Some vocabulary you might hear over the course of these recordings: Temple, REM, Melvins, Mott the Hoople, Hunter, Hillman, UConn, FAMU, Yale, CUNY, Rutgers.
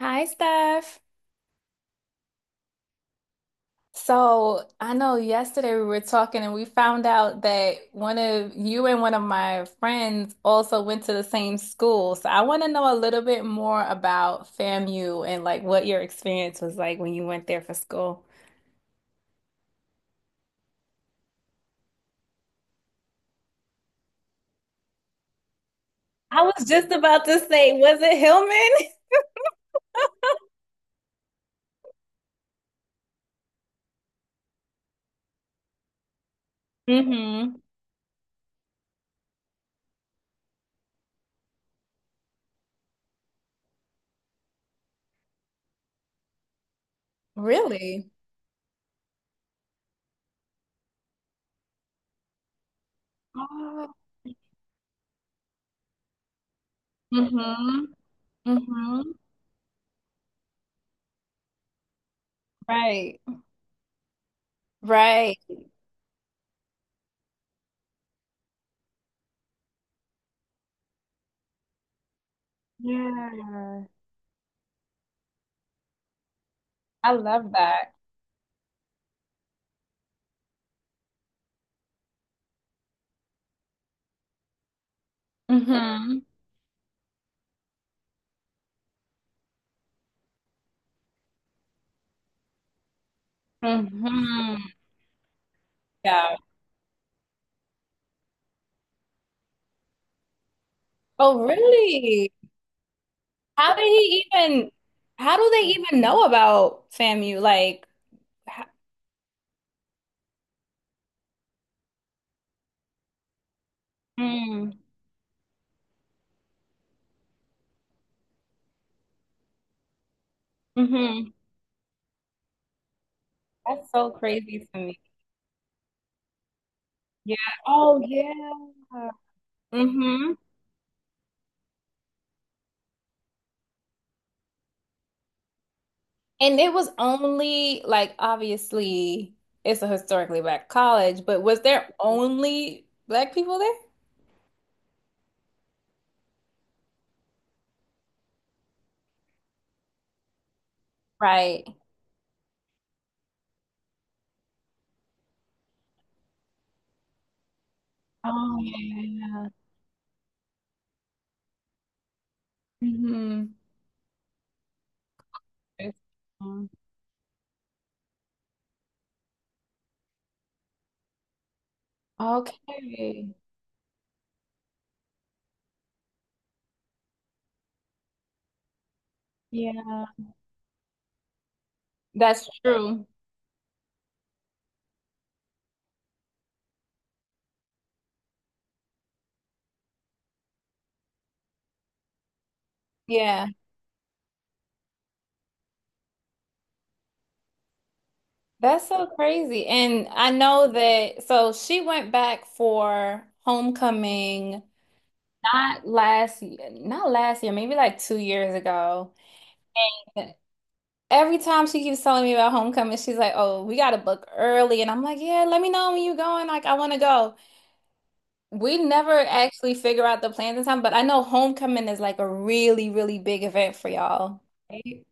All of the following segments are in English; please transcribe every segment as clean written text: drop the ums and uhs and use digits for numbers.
Hi, Steph. So I know yesterday we were talking and we found out that one of you and one of my friends also went to the same school. So I want to know a little bit more about FAMU and like what your experience was like when you went there for school. I was just about to say, was it Hillman? Mm-hmm. Really? Oh. Mm-hmm. Mm-hmm. Right. Right. Yeah. I love that. Mm-hmm. Mm-hmm. Oh, really? How did he even, how do they even know about FAMU? Like, ho- mm, hmm. That's so crazy to me. Yeah. Oh, yeah. Mm-hmm. And it was only like obviously it's a historically black college, but was there only black people there? Right. Oh, yeah. Mm-hmm. Okay. Yeah. That's true. Yeah. That's so crazy. And I know that, so she went back for homecoming not last year, not last year, maybe like 2 years ago. And every time she keeps telling me about homecoming, she's like, "Oh, we got to book early." And I'm like, "Yeah, let me know when you're going. Like, I want to go." We never actually figure out the plans in time, but I know homecoming is like a really, really big event for y'all. Right?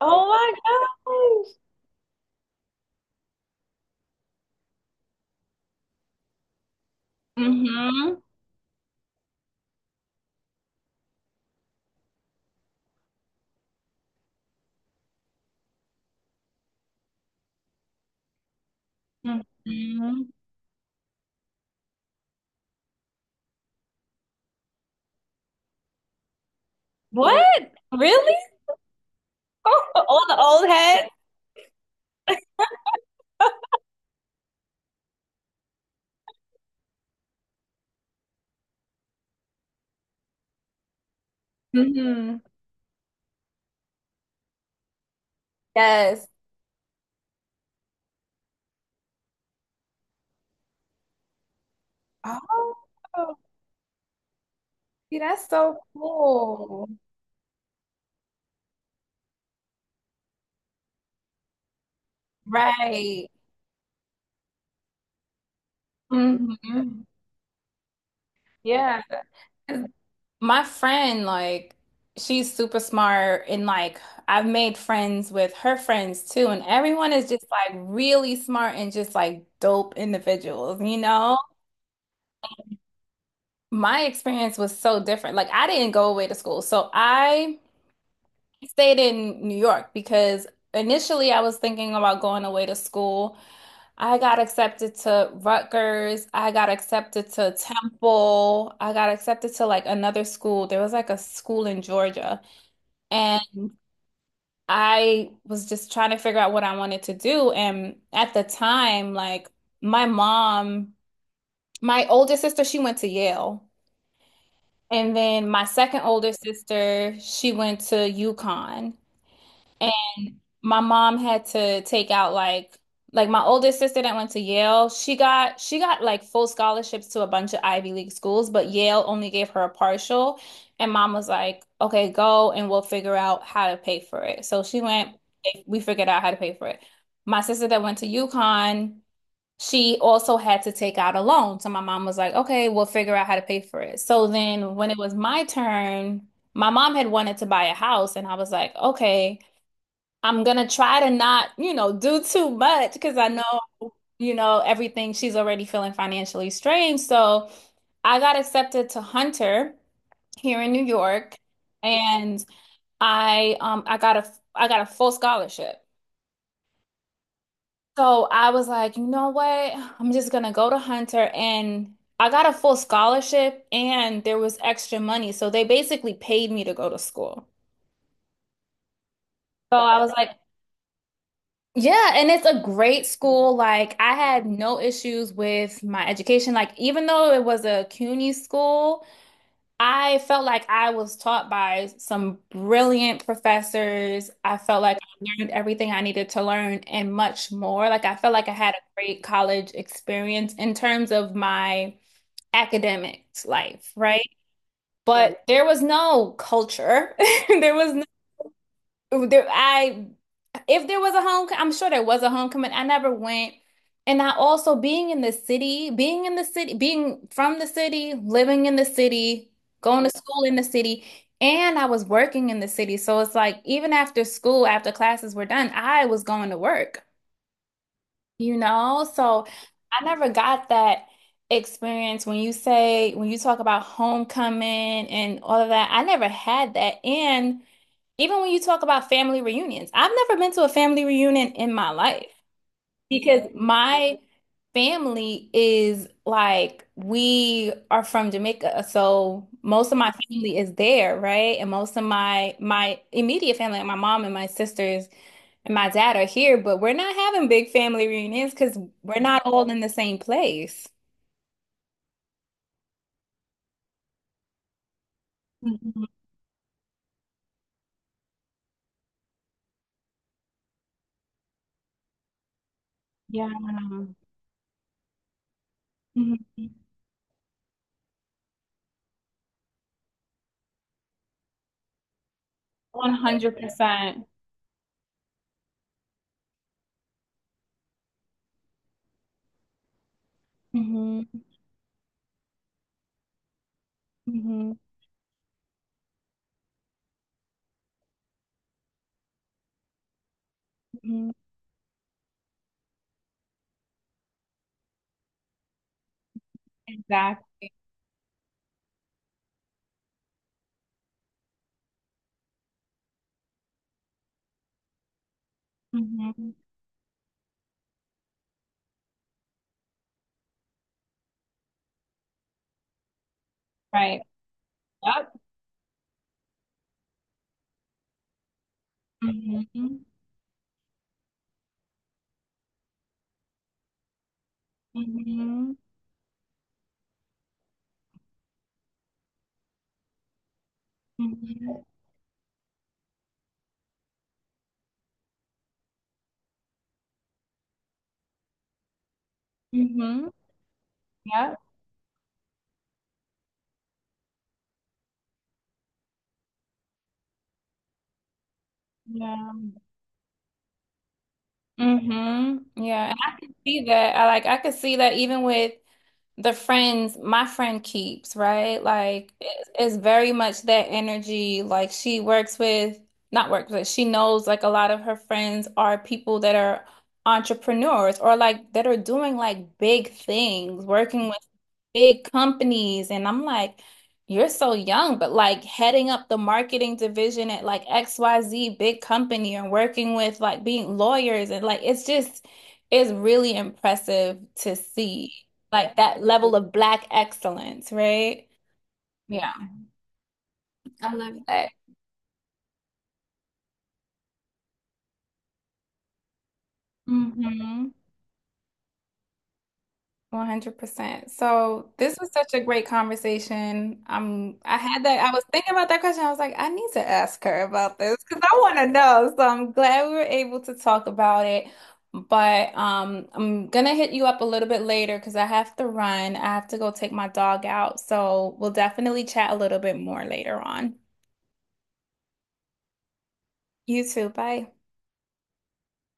Oh my gosh. Mm-hmm. Mm-hmm. What? Really? All the old heads? Hmm. Yes. Oh, see, that's so cool. Right. Hmm. Yeah. 'Cause my friend, like, she's super smart, and like, I've made friends with her friends too, and everyone is just like really smart and just like dope individuals, you know? My experience was so different. Like, I didn't go away to school, so I stayed in New York because initially I was thinking about going away to school. I got accepted to Rutgers. I got accepted to Temple. I got accepted to like another school. There was like a school in Georgia. And I was just trying to figure out what I wanted to do. And at the time, like my mom, my older sister, she went to Yale. And then my second older sister, she went to UConn. And my mom had to take out like my oldest sister that went to Yale, she got like full scholarships to a bunch of Ivy League schools, but Yale only gave her a partial. And mom was like, "Okay, go and we'll figure out how to pay for it." So she went, we figured out how to pay for it. My sister that went to UConn, she also had to take out a loan. So my mom was like, "Okay, we'll figure out how to pay for it." So then when it was my turn, my mom had wanted to buy a house and I was like, "Okay, I'm gonna try to not do too much because I know everything she's already feeling financially strained." So I got accepted to Hunter here in New York, and I got a full scholarship. So I was like, you know what? I'm just gonna go to Hunter and I got a full scholarship and there was extra money. So they basically paid me to go to school. So I was like, yeah, and it's a great school. Like I had no issues with my education. Like even though it was a CUNY school, I felt like I was taught by some brilliant professors. I felt like I learned everything I needed to learn and much more. Like I felt like I had a great college experience in terms of my academics life, right? Right. But there was no culture. There was there, I if there was a home, I'm sure there was a homecoming. I never went. And I also being in the city, being in the city, being from the city, living in the city, going to school in the city, and I was working in the city. So it's like even after school, after classes were done, I was going to work, you know? So I never got that experience. When you talk about homecoming and all of that, I never had that. And even when you talk about family reunions, I've never been to a family reunion in my life because my family is like, we are from Jamaica. So most of my family is there, right? And most of my immediate family, like my mom and my sisters and my dad are here, but we're not having big family reunions because we're not all in the same place. Mhm. Yeah. Mhm. 100%. percent Hmm. Hmm. Exactly. Mhm. Right. Yep. Mhm. Mhm. Mhm. Mhm. Yep. Yeah. Mhm. Yeah. And I can see that. I could see that even with the friends my friend keeps, right? Like it's very much that energy. Like she works with, not works with, she knows like a lot of her friends are people that are entrepreneurs or like that are doing like big things, working with big companies. And I'm like, you're so young, but like heading up the marketing division at like XYZ big company and working with like being lawyers and like it's really impressive to see like that level of black excellence, right? Yeah, I love that. Hmm. 100%. So this was such a great conversation. I was thinking about that question. I was like, I need to ask her about this because I want to know. So I'm glad we were able to talk about it. But I'm gonna hit you up a little bit later because I have to run. I have to go take my dog out. So we'll definitely chat a little bit more later on. You too. Bye.